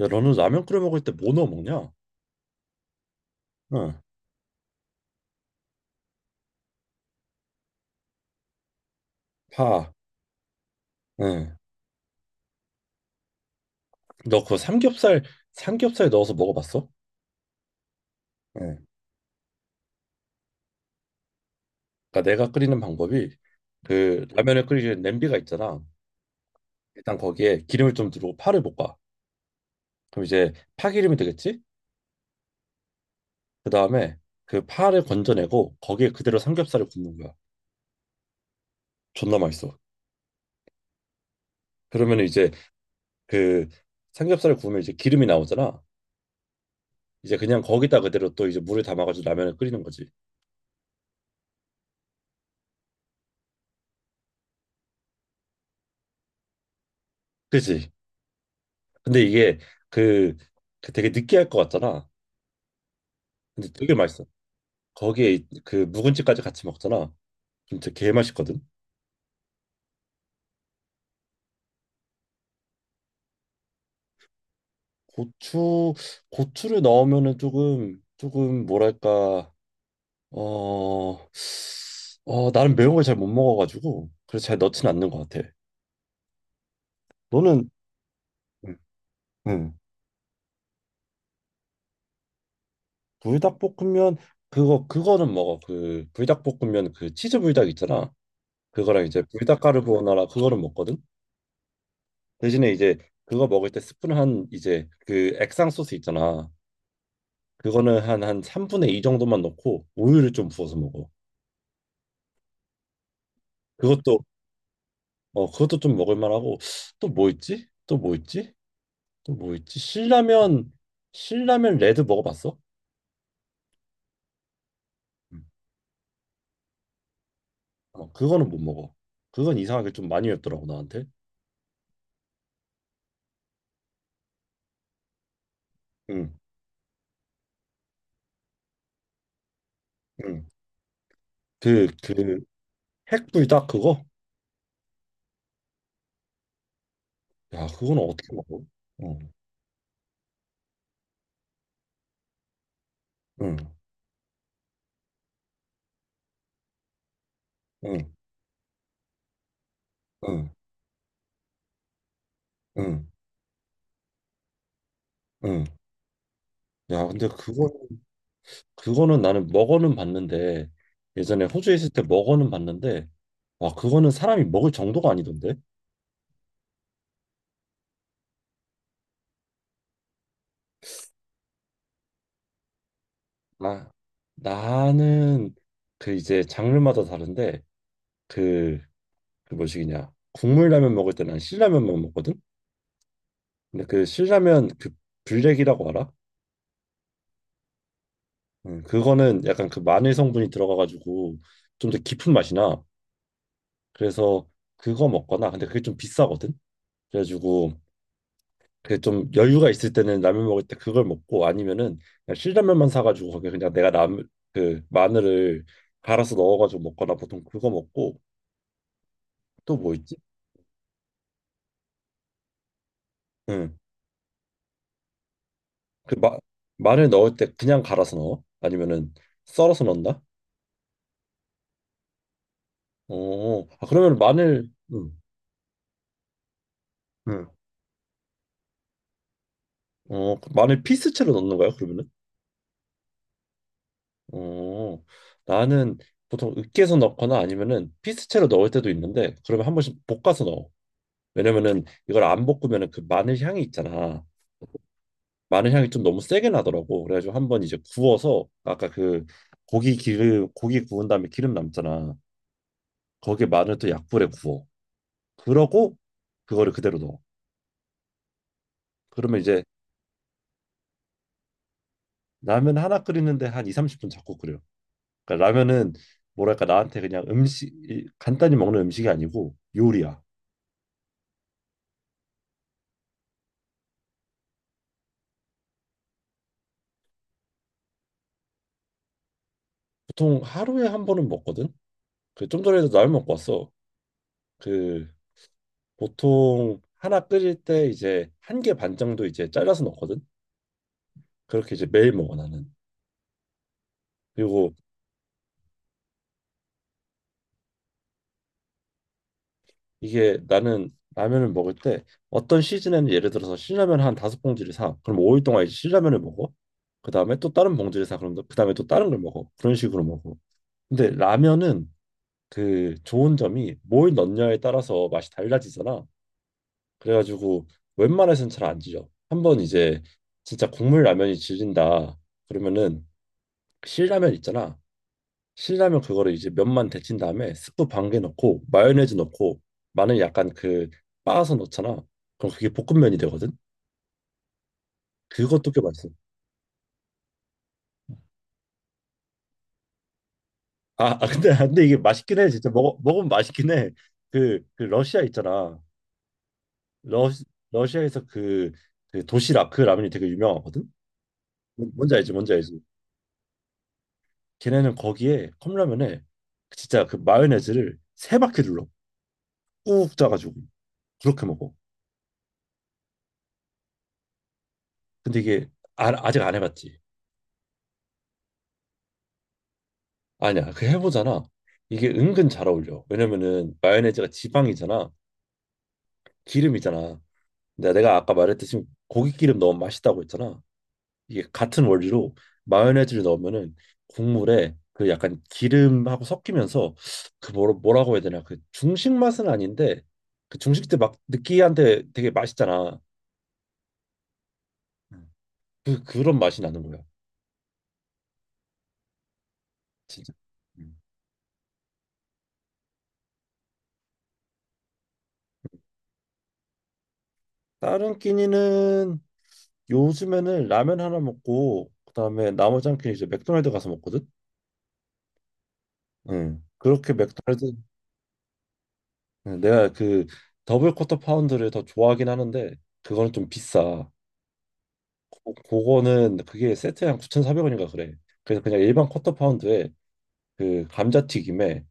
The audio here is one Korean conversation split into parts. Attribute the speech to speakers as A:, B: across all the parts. A: 야, 너는 라면 끓여 먹을 때 뭐 넣어 먹냐? 응, 파. 응. 너 그거 삼겹살 넣어서 먹어봤어? 응. 그러니까 내가 끓이는 방법이 그 라면을 끓이는 냄비가 있잖아. 일단 거기에 기름을 좀 두르고 파를 볶아. 그럼 이제 파기름이 되겠지? 그 다음에 그 파를 건져내고 거기에 그대로 삼겹살을 굽는 거야. 존나 맛있어. 그러면 이제 그 삼겹살을 구우면 이제 기름이 나오잖아. 이제 그냥 거기다 그대로 또 이제 물을 담아가지고 라면을 끓이는 거지. 그지? 근데 이게 그, 그 되게 느끼할 것 같잖아. 근데 되게 맛있어. 거기에 그 묵은지까지 같이 먹잖아. 그럼 진짜 개 맛있거든. 고추 고추를 넣으면은 조금 뭐랄까 어, 나는 매운 걸 잘 못 먹어가지고 그래서 잘 넣진 않는 것 같아. 너는 응. 응. 불닭볶음면 그거는 먹어. 그 불닭볶음면 그 치즈 불닭 있잖아. 그거랑 이제 불닭 까르보나라 그거를 먹거든. 대신에 이제 그거 먹을 때 스푼 한 이제 그 액상 소스 있잖아. 그거는 한 3분의 2 정도만 넣고 우유를 좀 부어서 먹어. 그것도 그것도 좀 먹을 만하고 또 뭐 있지? 또 뭐 있지? 또 뭐 있지? 신라면 신라면 레드 먹어봤어? 음. 어, 그거는 못 먹어. 그건 이상하게 좀 많이 맵더라고 나한테. 응, 응. 그 핵불닭 그거? 야, 그건 어떻게 먹어? 응, 응, 응, 응, 응, 응. 야, 근데 그거는 나는 먹어는 봤는데 예전에 호주에 있을 때 먹어는 봤는데 와 그거는 사람이 먹을 정도가 아니던데 아 나는 그 이제 장르마다 다른데 그 그 뭐시기냐 국물 라면 먹을 때 난 신라면만 먹거든. 근데 그 신라면 그 블랙이라고 알아? 그거는 약간 그 마늘 성분이 들어가가지고 좀 더 깊은 맛이 나. 그래서 그거 먹거나 근데 그게 좀 비싸거든. 그래가지고 그 좀 여유가 있을 때는 라면 먹을 때 그걸 먹고 아니면은 그냥 신라면만 사가지고 거기 그냥 내가 남 그 마늘을 갈아서 넣어가지고 먹거나 보통 그거 먹고 또 뭐 있지? 응. 그 마, 마늘 넣을 때 그냥 갈아서 넣어? 아니면은 썰어서 넣나? 어. 아 그러면 마늘 응. 응. 어, 그 마늘 피스체로 넣는 거야, 그러면은? 어. 나는 보통 으깨서 넣거나 아니면은 피스체로 넣을 때도 있는데 그러면 한 번씩 볶아서 넣어. 왜냐면은 이걸 안 볶으면은 그 마늘 향이 있잖아. 마늘 향이 좀 너무 세게 나더라고. 그래가지고 한번 이제 구워서 아까 그 고기 기름 고기 구운 다음에 기름 남잖아. 거기에 마늘 또 약불에 구워. 그러고 그거를 그대로 넣어. 그러면 이제 라면 하나 끓이는데 한 2, 30분 자꾸 끓여. 그러니까 라면은 뭐랄까 나한테 그냥 음식 간단히 먹는 음식이 아니고 요리야. 보통 하루에 한 번은 먹거든. 그 좀 전에도 라면 먹고 왔어. 그 보통 하나 끓일 때 이제 한 개 반 정도 이제 잘라서 넣거든. 그렇게 이제 매일 먹어 나는. 그리고 이게 나는 라면을 먹을 때 어떤 시즌에는 예를 들어서 신라면 한 다섯 봉지를 사. 그럼 5일 동안 이제 신라면을 먹어. 그 다음에 또 다른 봉지를 사. 그럼 그 다음에 또 다른 걸 먹어. 그런 식으로 먹어. 근데 라면은 그 좋은 점이 뭘 넣냐에 따라서 맛이 달라지잖아. 그래가지고 웬만해서는 잘 안 질려. 한번 이제 진짜 국물 라면이 질린다. 그러면은 신라면 있잖아. 신라면 그거를 이제 면만 데친 다음에 스프 반 개 넣고 마요네즈 넣고 마늘 약간 그 빻아서 넣잖아. 그럼 그게 볶음면이 되거든. 그것도 꽤 맛있어. 근데 근데 이게 맛있긴 해. 진짜 먹어 먹으면 맛있긴 해. 그 러시아 있잖아. 러 러시아에서 그 도시락 그 라면이 되게 유명하거든. 뭔지 알지? 뭔지 알지? 걔네는 거기에 컵라면에 진짜 그 마요네즈를 3바퀴 둘러 꾹 짜가지고 그렇게 먹어. 근데 이게 아, 아직 안 해봤지. 아니야 그 해보잖아. 이게 은근 잘 어울려. 왜냐면은 마요네즈가 지방이잖아. 기름이잖아. 근데 내가 아까 말했듯이 고기 기름 넣으면 맛있다고 했잖아. 이게 같은 원리로 마요네즈를 넣으면은 국물에 그 약간 기름하고 섞이면서 그 뭐라고 해야 되나 그 중식 맛은 아닌데 그 중식 때 막 느끼한데 되게 맛있잖아. 음. 그 그런 맛이 나는 거야 진짜. 음. 다른 끼니는 요즘에는 라면 하나 먹고 그다음에 나머지 한 끼는 이제 맥도날드 가서 먹거든. 응. 그렇게 맥도날드 응, 내가 그 더블 쿼터 파운드를 더 좋아하긴 하는데 그거는 좀 비싸. 그거는 그게 세트에 한 9,400원인가 그래. 그래서 그냥 일반 쿼터 파운드에 그 감자튀김에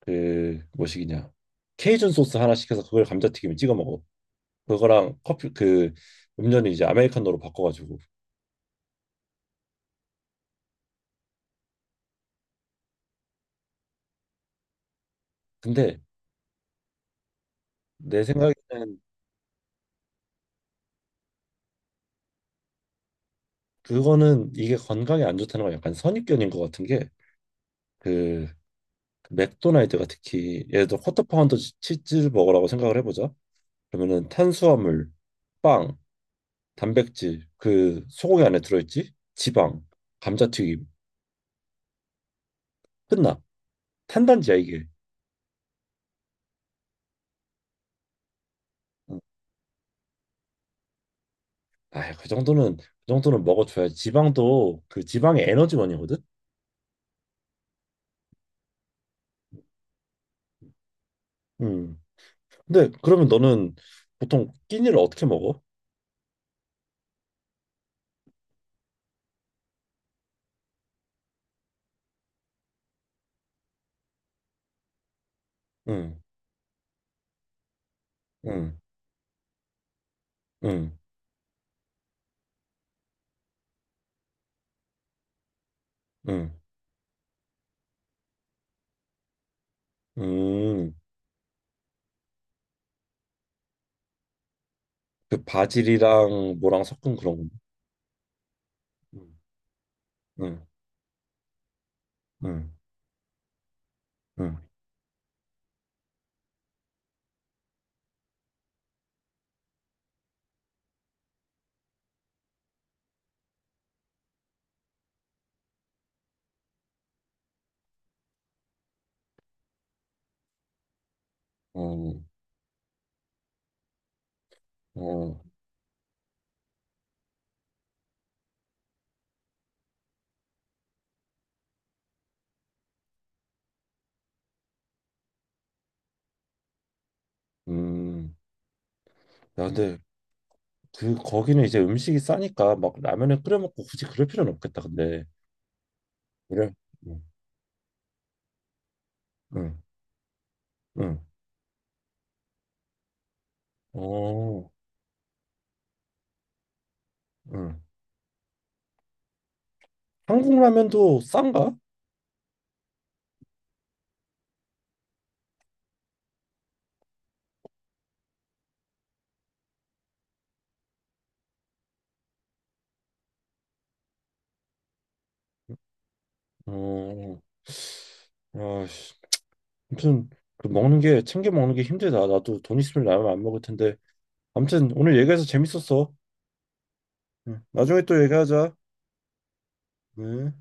A: 그 뭐시기냐 케이준 소스 하나 시켜서 그걸 감자튀김에 찍어 먹어. 그거랑 커피 그 음료는 이제 아메리카노로 바꿔가지고. 근데 내 생각에는 그거는 이게 건강에 안 좋다는 건 약간 선입견인 것 같은 게 그 맥도날드가 특히 예를 들어 쿼터파운더 즈즈버거라고 생각을 해보자. 그러면은 탄수화물, 빵, 단백질 그 소고기 안에 들어있지. 지방, 감자튀김 끝나. 탄단지야 이게. 아, 그 정도는 그 정도는 먹어줘야지. 지방도 그 지방의 에너지원이거든. 음. 근데 그러면 너는 보통 끼니를 어떻게 먹어? 응, 응, 응, 응, 응. 그 바질이랑 뭐랑 섞은 그런 건가? 음. 응, 응, 응, 응. 어, 어, 음. 야, 근데 그 거기는 이제 음식이 싸니까 막 라면을 끓여 먹고 굳이 그럴 필요는 없겠다. 근데 그래? 응, 응, 응, 어, 응. 한국 라면도 싼가? 어, 아씨, 아무튼 그 먹는 게 챙겨 먹는 게 힘들다. 나도 돈 있으면 라면 안 먹을 텐데. 아무튼 오늘 얘기해서 재밌었어. 응. 나중에 또 얘기하자. 응.